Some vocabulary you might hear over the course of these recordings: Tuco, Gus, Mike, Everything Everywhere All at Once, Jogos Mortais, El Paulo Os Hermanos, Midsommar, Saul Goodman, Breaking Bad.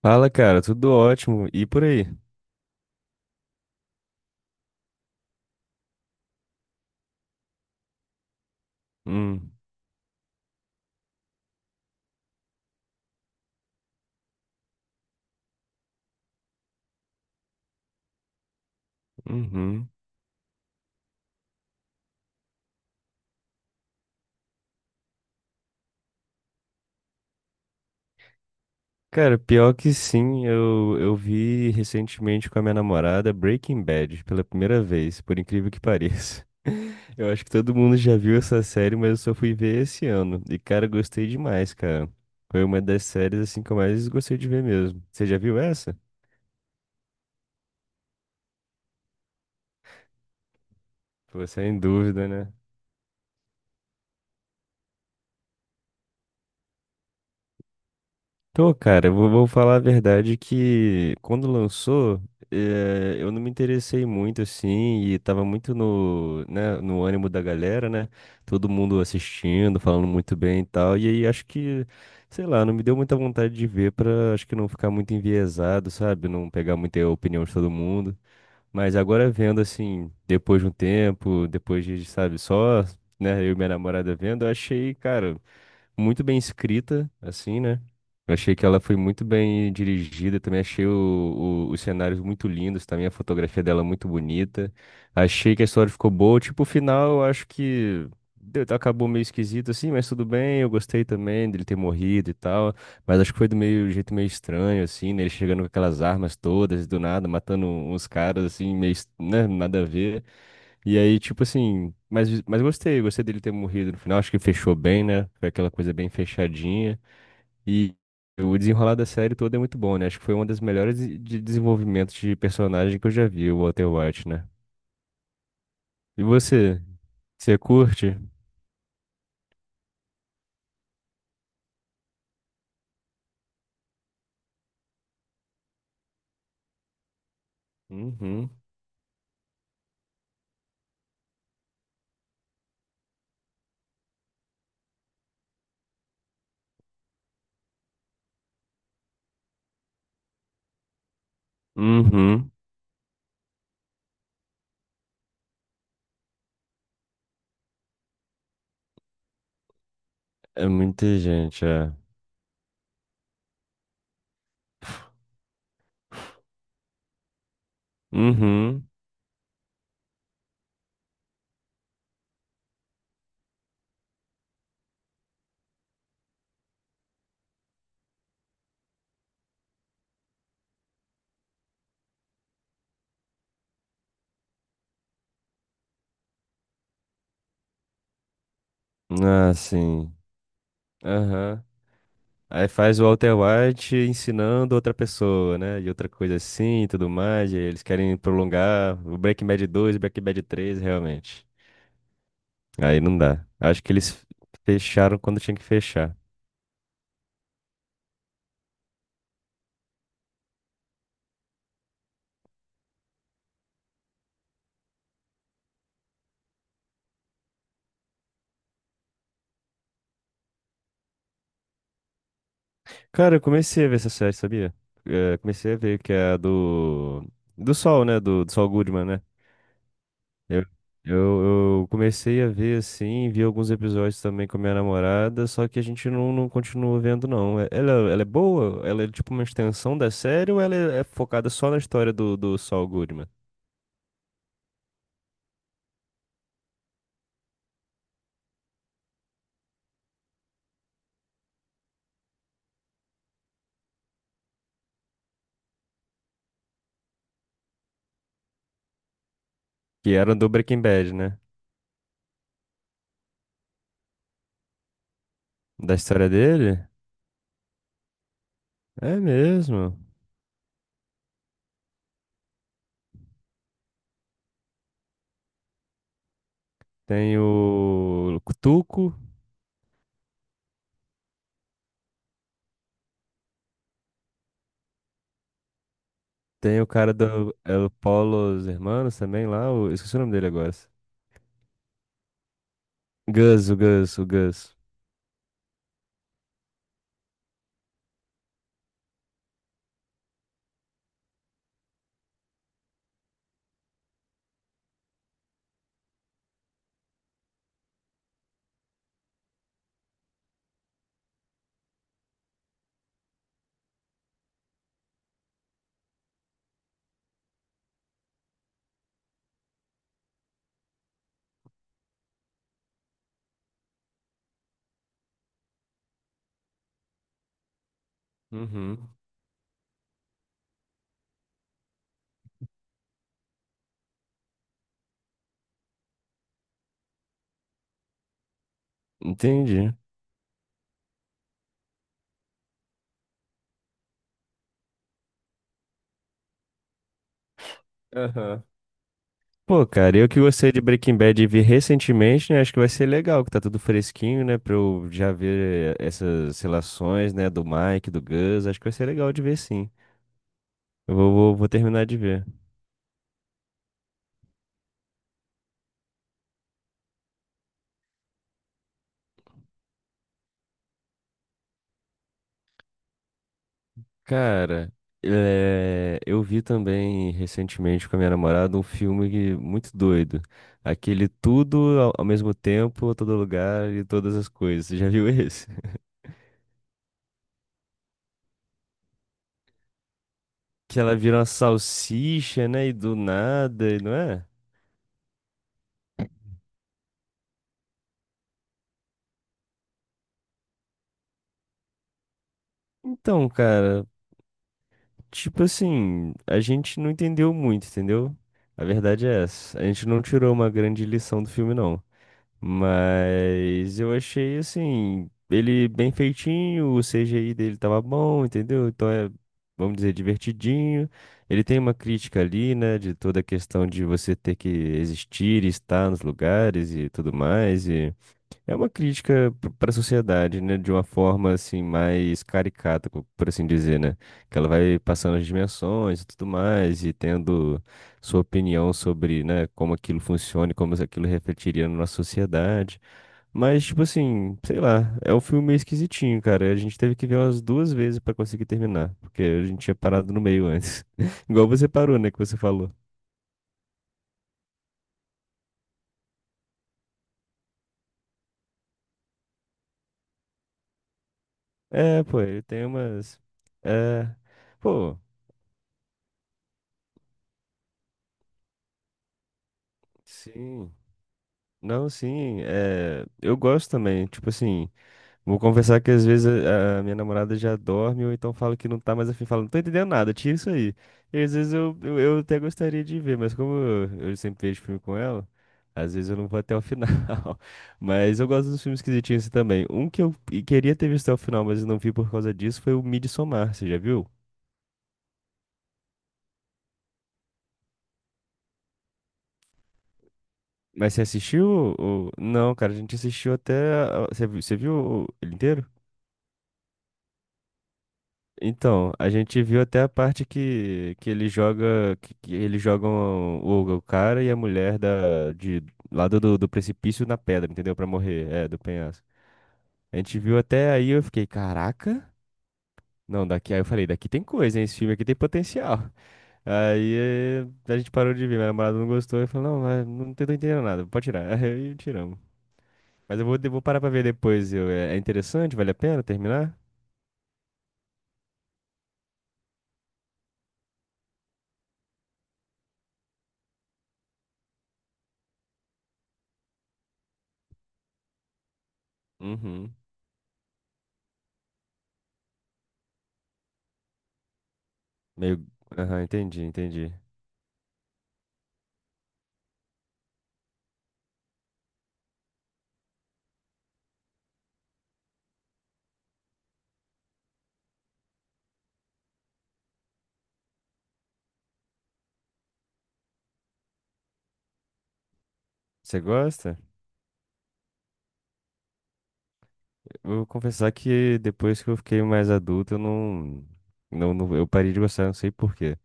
Fala, cara, tudo ótimo. E por aí? Hum, uhum. Cara, pior que sim, eu vi recentemente com a minha namorada Breaking Bad pela primeira vez, por incrível que pareça. Eu acho que todo mundo já viu essa série, mas eu só fui ver esse ano. E, cara, gostei demais, cara. Foi uma das séries, assim, que eu mais gostei de ver mesmo. Você já viu essa? Pô, sem dúvida, né? Tô, cara, eu vou falar a verdade que quando lançou, eu não me interessei muito assim e tava muito no, né, no ânimo da galera, né? Todo mundo assistindo, falando muito bem e tal. E aí acho que, sei lá, não me deu muita vontade de ver pra acho que não ficar muito enviesado, sabe? Não pegar muita opinião de todo mundo. Mas agora vendo assim, depois de um tempo, depois de, sabe, só, né, eu e minha namorada vendo, eu achei, cara, muito bem escrita, assim, né? Eu achei que ela foi muito bem dirigida, também achei os cenários muito lindos, também a fotografia dela muito bonita. Achei que a história ficou boa, tipo, o final eu acho que acabou meio esquisito assim, mas tudo bem, eu gostei também dele ter morrido e tal, mas acho que foi do meio jeito meio estranho assim, né? Ele chegando com aquelas armas todas do nada, matando uns caras assim, meio, né, nada a ver. E aí, tipo assim, mas gostei, gostei dele ter morrido no final, acho que fechou bem, né? Foi aquela coisa bem fechadinha. E o desenrolar da série toda é muito bom, né? Acho que foi uma das melhores de desenvolvimentos de personagem que eu já vi, o Walter White, né? E você? Você curte? Uhum. Uhum. É muita gente, é. Uhum. Ah, sim. Aham. Aí faz o Walter White ensinando outra pessoa, né? E outra coisa assim e tudo mais. E aí eles querem prolongar o Breaking Bad 2 e Breaking Bad 3, realmente. Aí não dá. Acho que eles fecharam quando tinha que fechar. Cara, eu comecei a ver essa série, sabia? Comecei a ver que é a do. Do Sol, né? Do, do Saul Goodman, né? Eu, eu comecei a ver assim, vi alguns episódios também com a minha namorada, só que a gente não continua vendo, não. É- Ela é boa? Ela é tipo uma extensão da série ou ela é focada só na história do, do Saul Goodman? Que era do Breaking Bad, né? Da história dele? É mesmo. Tem o Tuco, tem o cara do El Paulo Os Hermanos também lá, o... esqueci o nome dele agora. Gus, o Gus, o Gus. Uhum. Entendi. Pô, cara, eu que gostei de Breaking Bad e vi recentemente, né? Acho que vai ser legal, que tá tudo fresquinho, né? Pra eu já ver essas relações, né? Do Mike, do Gus. Acho que vai ser legal de ver, sim. Eu vou terminar de ver. Cara, é, eu vi também recentemente com a minha namorada um filme muito doido. Aquele tudo ao mesmo tempo, todo lugar e todas as coisas. Você já viu esse? Que ela vira uma salsicha, né? E do nada, e não é? Então, cara. Tipo assim, a gente não entendeu muito, entendeu? A verdade é essa. A gente não tirou uma grande lição do filme, não. Mas eu achei, assim, ele bem feitinho, o CGI dele tava bom, entendeu? Então é, vamos dizer, divertidinho. Ele tem uma crítica ali, né, de toda a questão de você ter que existir, e estar nos lugares e tudo mais. É uma crítica para a sociedade, né? De uma forma assim mais caricata, por assim dizer, né? Que ela vai passando as dimensões e tudo mais e tendo sua opinião sobre, né, como aquilo funciona e como aquilo refletiria na nossa sociedade. Mas tipo assim, sei lá, é um filme meio esquisitinho, cara. A gente teve que ver umas duas vezes para conseguir terminar, porque a gente tinha parado no meio antes. Igual você parou, né, que você falou. É, pô, ele tem umas é, pô, sim. Não, sim, é, eu gosto também. Tipo assim, vou confessar que às vezes a minha namorada já dorme ou então fala que não tá mais afim, fala, não tô entendendo nada, tira isso aí. E às vezes eu até gostaria de ver, mas como eu sempre vejo filme com ela, às vezes eu não vou até o final. Mas eu gosto dos filmes esquisitinhos assim também. Um que eu e queria ter visto até o final, mas eu não vi por causa disso, foi o Midsommar, você já viu? Mas você assistiu? Ou- Não, cara, a gente assistiu até. A- Você, vi- você viu o- ele inteiro? Então, a gente viu até a parte que ele joga, que eles jogam o cara e a mulher da, de lado do, do precipício na pedra, entendeu? Pra morrer, é, do penhasco. A gente viu até aí, eu fiquei, caraca, não, daqui, aí eu falei, daqui tem coisa, hein, esse filme aqui tem potencial. Aí a gente parou de ver, minha namorada não gostou, e falou não, mas não tô entendendo nada, pode tirar. Aí tiramos. Mas eu vou parar pra ver depois, eu, é, é interessante, vale a pena terminar? Uhum. Meio, aham, entendi, entendi. Você gosta? Eu vou confessar que depois que eu fiquei mais adulto, eu não, eu parei de gostar, não sei por quê.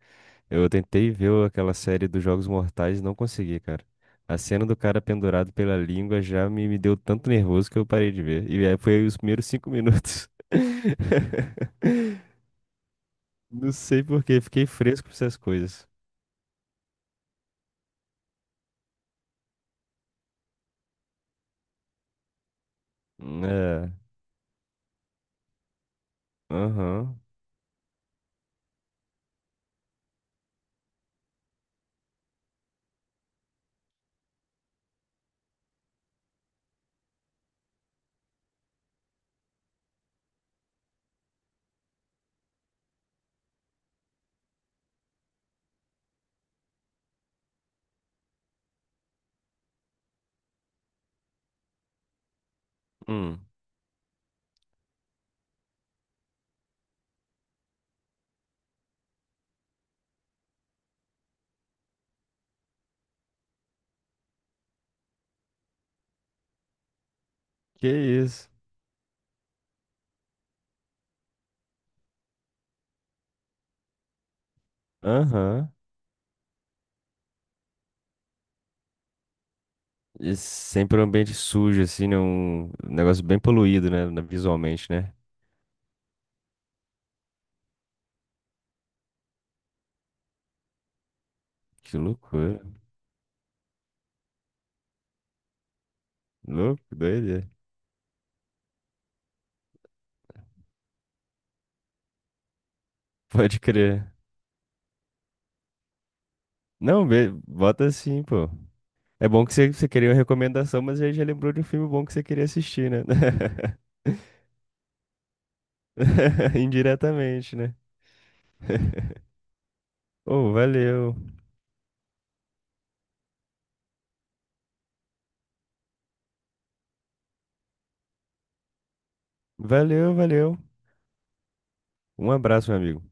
Eu tentei ver aquela série dos Jogos Mortais e não consegui, cara. A cena do cara pendurado pela língua já me deu tanto nervoso que eu parei de ver. E aí foi os primeiros 5 minutos. Não sei por quê, fiquei fresco com essas coisas. É, aham, hum, que isso, aham. E sempre um ambiente sujo, assim, né? Um negócio bem poluído, né? na- Visualmente, né? Que loucura. Louco, doido. É. Pode crer. Não, bota assim, pô. É bom que você, você queria uma recomendação, mas aí já lembrou de um filme bom que você queria assistir, né? Indiretamente, né? Oh, valeu. Valeu, valeu. Um abraço, meu amigo.